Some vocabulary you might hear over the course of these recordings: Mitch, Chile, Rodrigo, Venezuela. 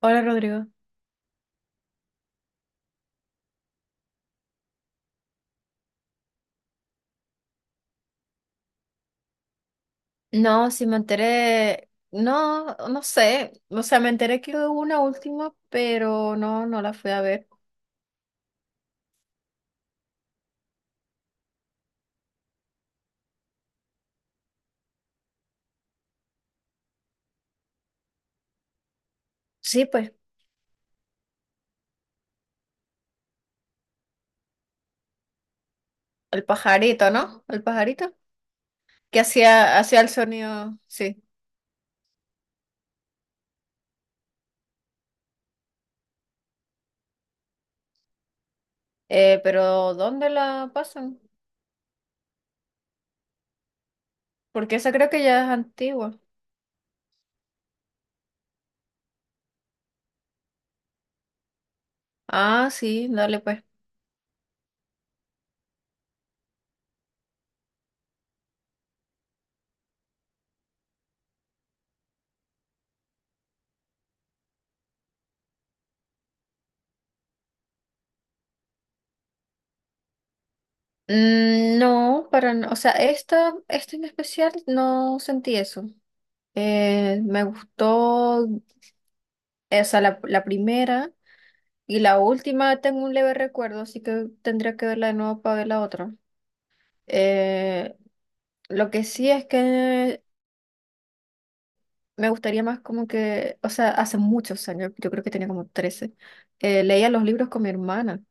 Hola Rodrigo. No, si me enteré, no, no sé, o sea, me enteré que hubo una última, pero no, no la fui a ver. Sí, pues, el pajarito, ¿no? El pajarito, que hacía el sonido, sí. Pero ¿dónde la pasan? Porque esa creo que ya es antigua. Ah, sí, dale pues. Mm, no, para, o sea, esta en especial no sentí eso. Me gustó, o sea, la primera. Y la última, tengo un leve recuerdo, así que tendría que verla de nuevo para ver la otra. Eh, lo que sí es que me gustaría más como que, o sea, hace muchos años, yo creo que tenía como 13, leía los libros con mi hermana.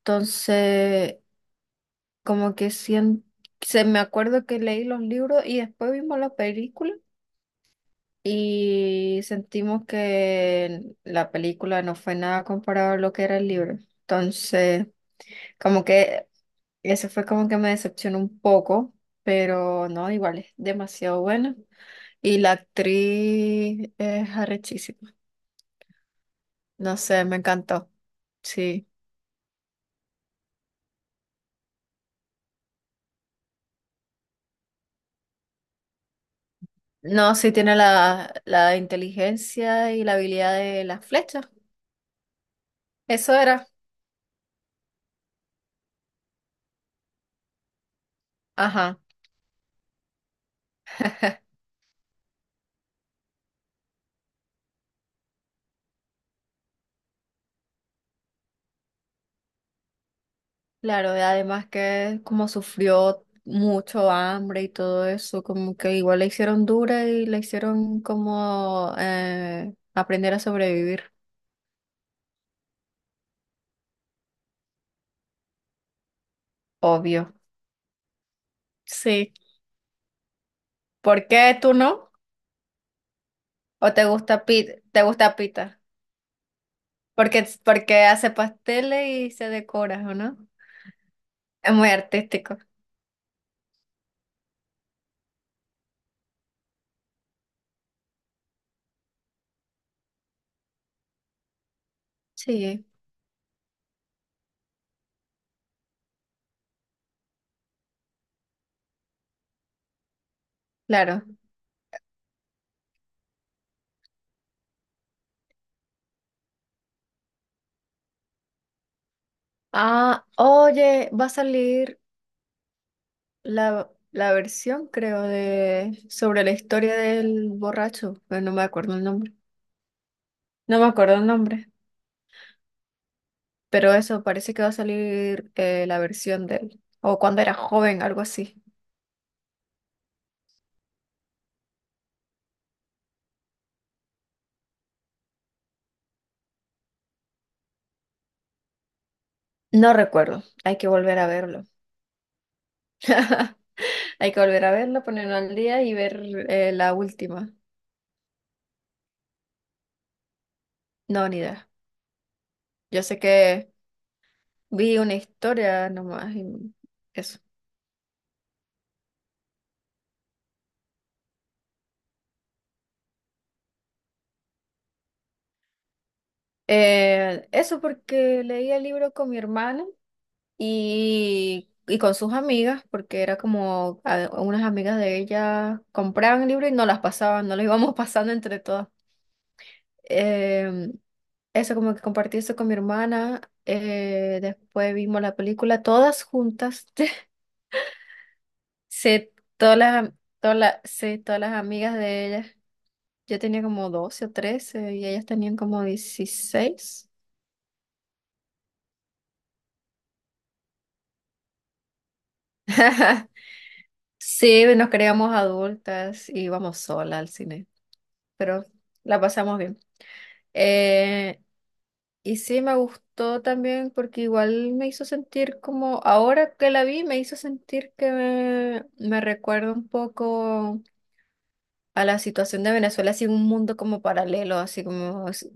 Entonces, como que sien- se me acuerdo que leí los libros y después vimos la película y sentimos que la película no fue nada comparado a lo que era el libro. Entonces, como que eso fue como que me decepcionó un poco, pero no, igual es demasiado buena. Y la actriz es arrechísima. No sé, me encantó. Sí. No, sí tiene la inteligencia y la habilidad de las flechas. Eso era. Ajá. Claro, y además que como sufrió mucho hambre y todo eso, como que igual la hicieron dura y la hicieron como aprender a sobrevivir. Obvio. Sí. ¿Por qué tú no? ¿O te gusta pita? ¿Te gusta pita? Porque hace pasteles y se decora, ¿o no? Es muy artístico. Sí, claro. Ah, oye, va a salir la versión, creo, de sobre la historia del borracho, pero no me acuerdo el nombre. No me acuerdo el nombre, pero eso parece que va a salir, la versión de él. O cuando era joven, algo así. No recuerdo. Hay que volver a verlo. Hay que volver a verlo, ponerlo al día y ver, la última. No, ni idea. Yo sé que vi una historia nomás y eso. Eso porque leí el libro con mi hermana y con sus amigas, porque era como unas amigas de ella compraban el libro y no las pasaban, no las íbamos pasando entre todas. Em, Eso, como que compartí eso con mi hermana. Después vimos la película todas juntas. Sí, todas las, todas las amigas de ella. Yo tenía como 12 o 13 y ellas tenían como 16. Sí, nos creíamos adultas y íbamos sola al cine, pero la pasamos bien. Eh, y sí, me gustó también porque igual me hizo sentir como, ahora que la vi, me hizo sentir que me recuerda un poco a la situación de Venezuela, así un mundo como paralelo, así como es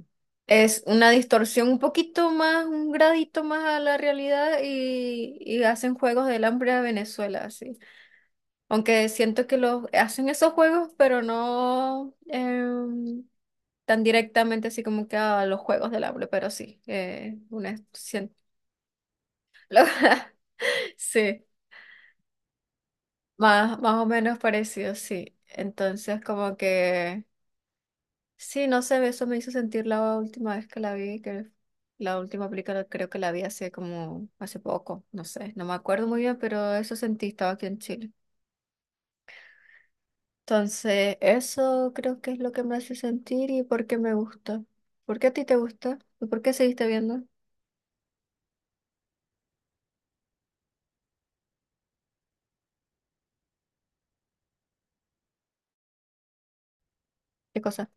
es una distorsión un poquito más, un gradito más a la realidad y hacen juegos del hambre a Venezuela, así. Aunque siento que los hacen esos juegos, pero no tan directamente así como que a los juegos del hambre, pero sí, una, lo- sí, más, más o menos parecido, sí. Entonces como que... Sí, no sé, eso me hizo sentir la última vez que la vi, que la última película creo que la vi hace como, hace poco, no sé, no me acuerdo muy bien, pero eso sentí, estaba aquí en Chile. Entonces, eso creo que es lo que me hace sentir y por qué me gusta. ¿Por qué a ti te gusta? ¿Y por qué seguiste viendo? ¿Qué cosa?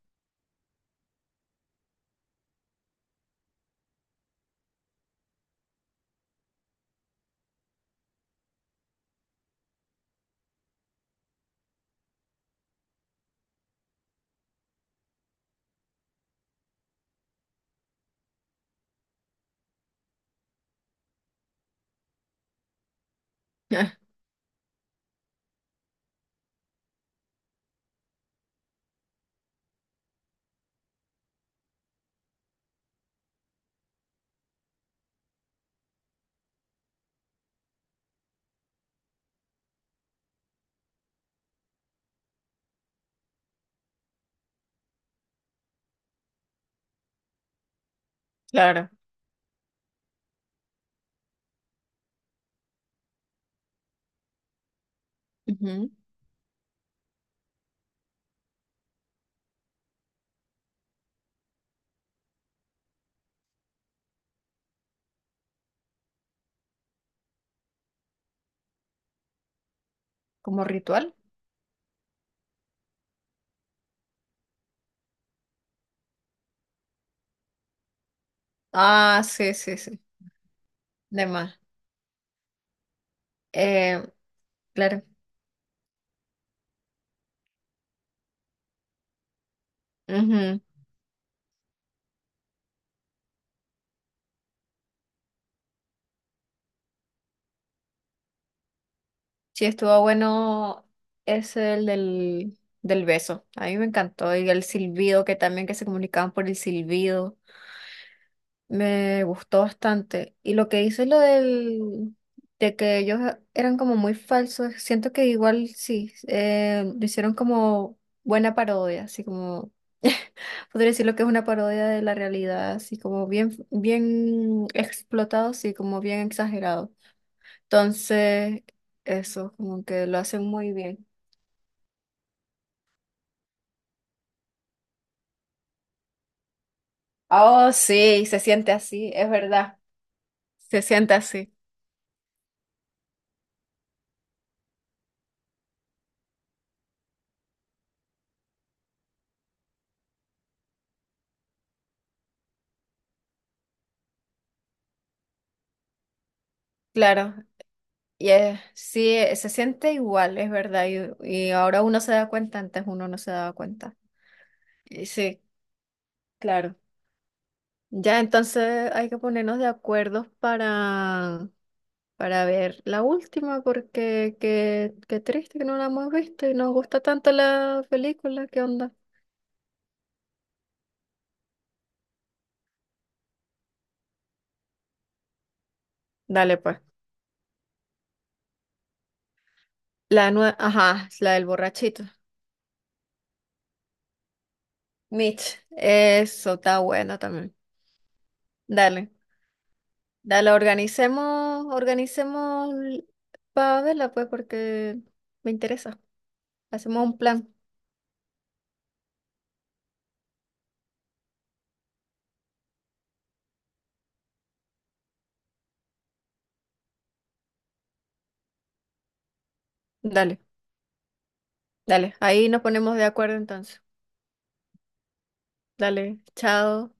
Claro. Ujú. ¿Como ritual? Ah, sí, sí, sí. De más. Eh, claro. Ujú. Sí, estuvo bueno, es el del beso. A mí me encantó. Y el silbido, que también que se comunicaban por el silbido. Me gustó bastante. Y lo que hizo lo del, de que ellos eran como muy falsos, siento que igual sí, lo hicieron como buena parodia, así como, podría decir lo que es una parodia de la realidad, así como bien, bien explotado, así como bien exagerado. Entonces, eso, como que lo hacen muy bien. Oh, sí, se siente así, es verdad. Se siente así, claro. Y se siente igual, es verdad. Y ahora uno se da cuenta, antes uno no se daba cuenta. Y sí, claro. Ya, entonces hay que ponernos de acuerdo para ver la última, porque qué, qué triste que no la hemos visto y nos gusta tanto la película, ¿qué onda? Dale, pues. La ajá, la del borrachito. Mitch, eso está bueno también. Dale, dale, organicemos, organicemos para verla, pues, porque me interesa. Hacemos un plan. Dale, dale, ahí nos ponemos de acuerdo entonces. Dale, chao.